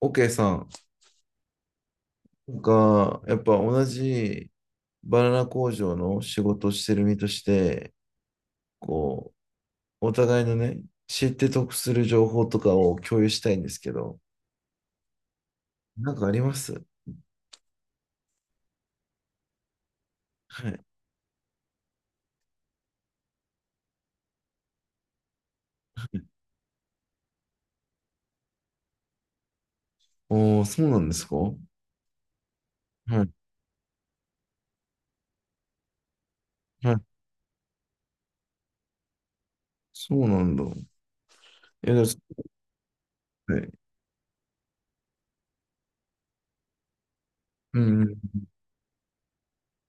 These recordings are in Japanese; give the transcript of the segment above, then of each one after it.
OK さんが、やっぱ同じバナナ工場の仕事をしてる身として、こう、お互いのね、知って得する情報とかを共有したいんですけど、なんかあります？はい。おー、そうなんですか？はい、はい。そうなんだ。いや、でもはい。うんうん。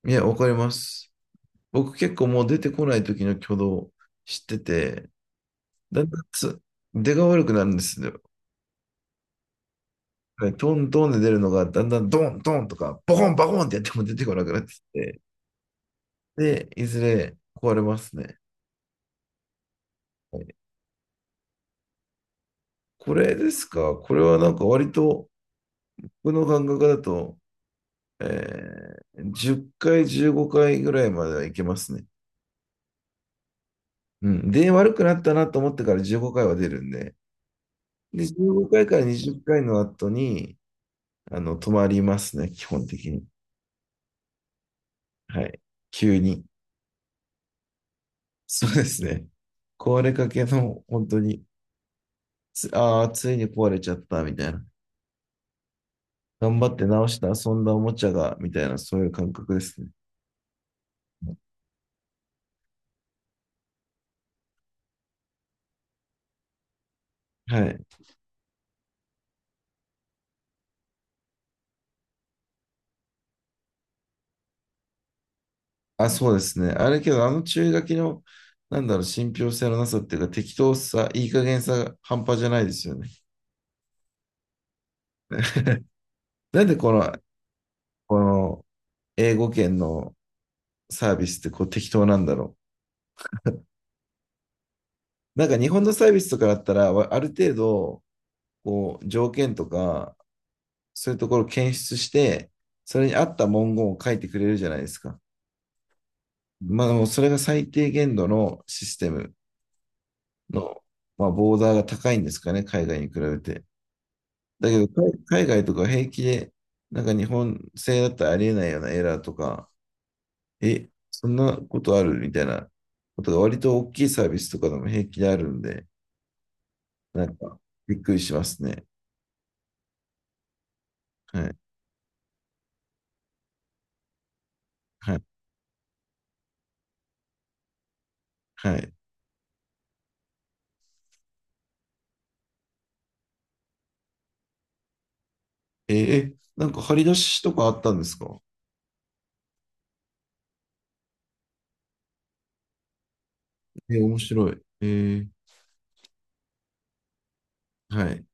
いや、わかります。僕結構もう出てこない時の挙動知ってて、だんだん出が悪くなるんですよ。はい、トントンで出るのが、だんだんドンドンとか、ボコンボコンってやっても出てこなくなってきて、で、いずれ壊れますね。はい。これですか？これはなんか割と、僕の感覚だと、え10回、15回ぐらいまではいけますね。うん。で、悪くなったなと思ってから15回は出るんで、で、15回から20回の後に、あの、止まりますね、基本的に。はい。急に。そうですね。壊れかけの、本当に、ああ、ついに壊れちゃったみたいな。頑張って直して遊んだおもちゃが、みたいな、そういう感覚ですね。はい。あ、そうですね。あれけど、あの注意書きの、なんだろう、信憑性のなさっていうか、適当さ、いい加減さが半端じゃないですよね。なんでこの、この英語圏のサービスってこう適当なんだろう。なんか日本のサービスとかだったら、ある程度、こう、条件とか、そういうところを検出して、それに合った文言を書いてくれるじゃないですか。まあ、でもそれが最低限度のシステムの、まあ、ボーダーが高いんですかね、海外に比べて。だけど、海外とか平気で、なんか日本製だったらありえないようなエラーとか、そんなことあるみたいなことが割と大きいサービスとかでも平気であるんで、なんかびっくりしますね。はい、はい、はい。えーえなんか張り出しとかあったんですか？面白い。はい。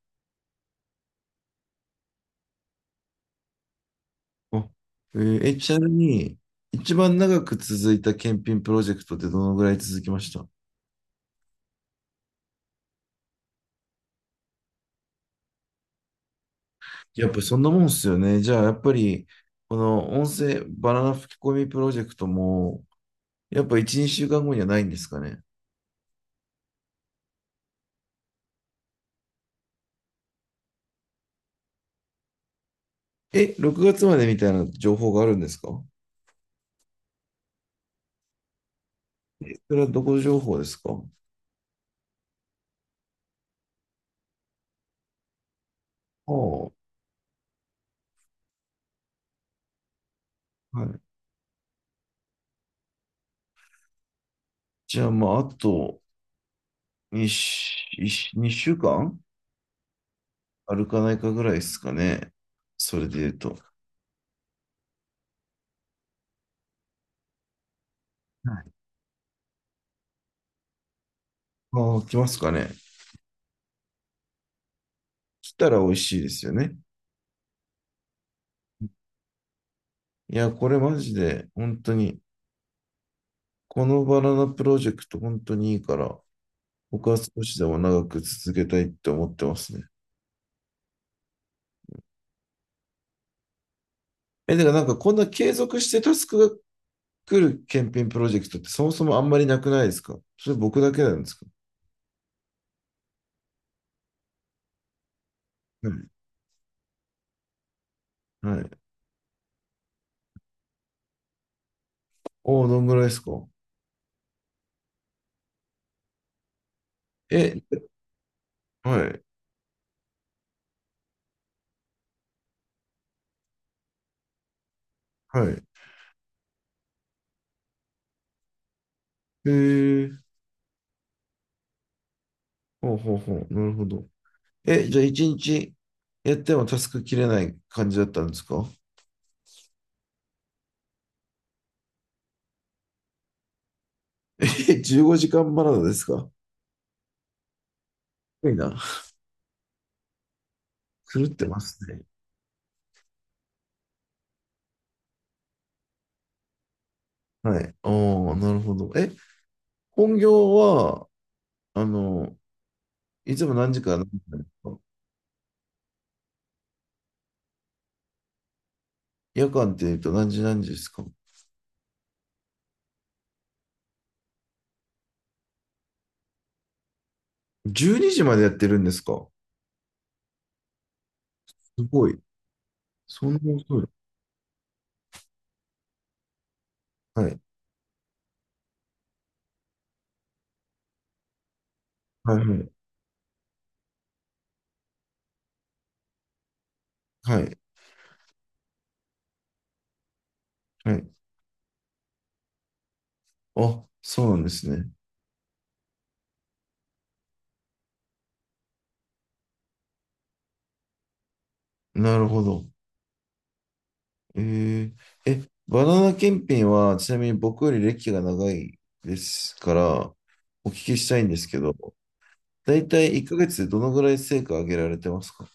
あえーえ、ちなみに、一番長く続いた検品プロジェクトってどのぐらい続きました？やっぱりそんなもんっすよね。じゃあ、やっぱり、この音声バナナ吹き込みプロジェクトも、やっぱ1、2週間後にはないんですかね。え、6月までみたいな情報があるんですか？それはどこ情報ですか？ああ、はい。じゃあ、まあ、あと2、週間歩かんあるかないかぐらいですかね。それで言うと。ああ、来ますかね。来たら美味しいですよね。いや、これマジで、本当に、このバナナプロジェクト本当にいいから、僕は少しでも長く続けたいって思ってますね。え、てかなんかこんな継続してタスクが来る検品プロジェクトってそもそもあんまりなくないですか？それ僕だけなんですか？はい。はい。おお、どんぐらいですか？え、はい。はい。へえ、ほうほうほう。なるほど。え、じゃあ一日やってもタスク切れない感じだったんですか？え、15時間バナナですか？すごいな。狂ってますね。はい。ああ、なるほど。え、本業は、あの、いつも何時から何時なんですか？夜間って言うと何時何時ですか？ 12 時までやってるんですか？すごい。そんな遅い。はい。はい。はい。はい。あ、そうなんですね。なるほど。えー、バナナ検品は、ちなみに僕より歴が長いですから、お聞きしたいんですけど、だいたい1ヶ月でどのぐらい成果上げられてますか？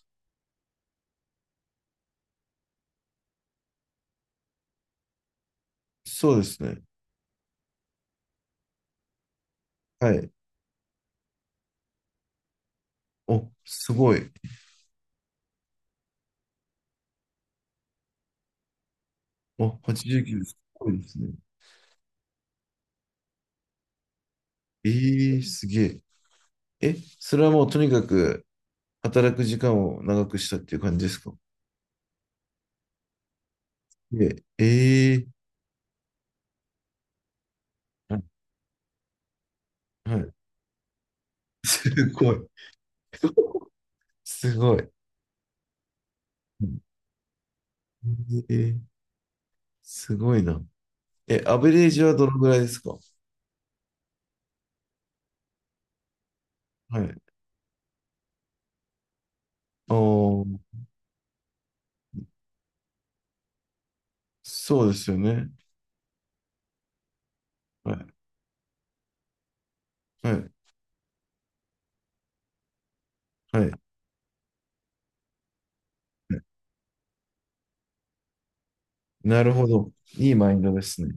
そうですね。はい。お、すごい。お、89です。すごいですね。ええ、すげえ。え、それはもうとにかく働く時間を長くしたっていう感じですか？で、ええ、はい、はい。すごい。すごい。うん、えー、すごいな。え、アベレージはどのぐらいですか？はい。おー、そうですよね。はい。はい。はい。なるほど。いいマインドですね。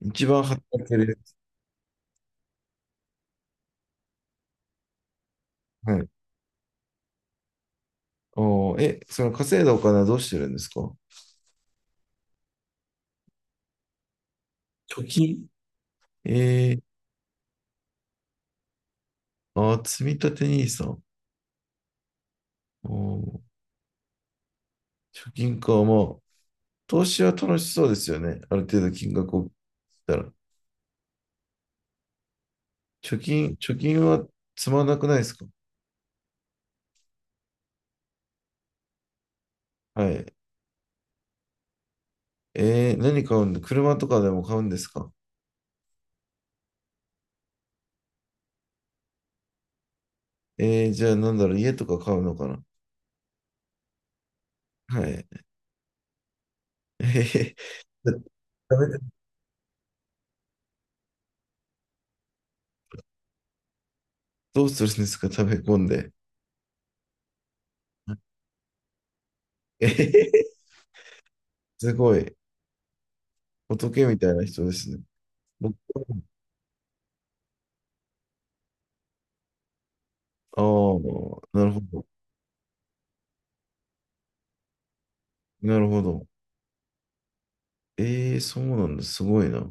一番働ける。はい。おー、え、その稼いだお金はどうしてるんですか？貯金。えー、あー、積み立て n i s おー、貯金か。まあ、投資は楽しそうですよね。ある程度金額を切ったら。貯金はつまんなくないですか？はい。何買うんだ、車とかでも買うんですか？じゃあなんだろう、家とか買うのかな？はい。えへへ。だ食べどうするんですか、食べ込んで。えへへ。すごい。仏みたいな人ですね。僕ああ、なるほど。なるほど。ええ、そうなんだ。すごいな。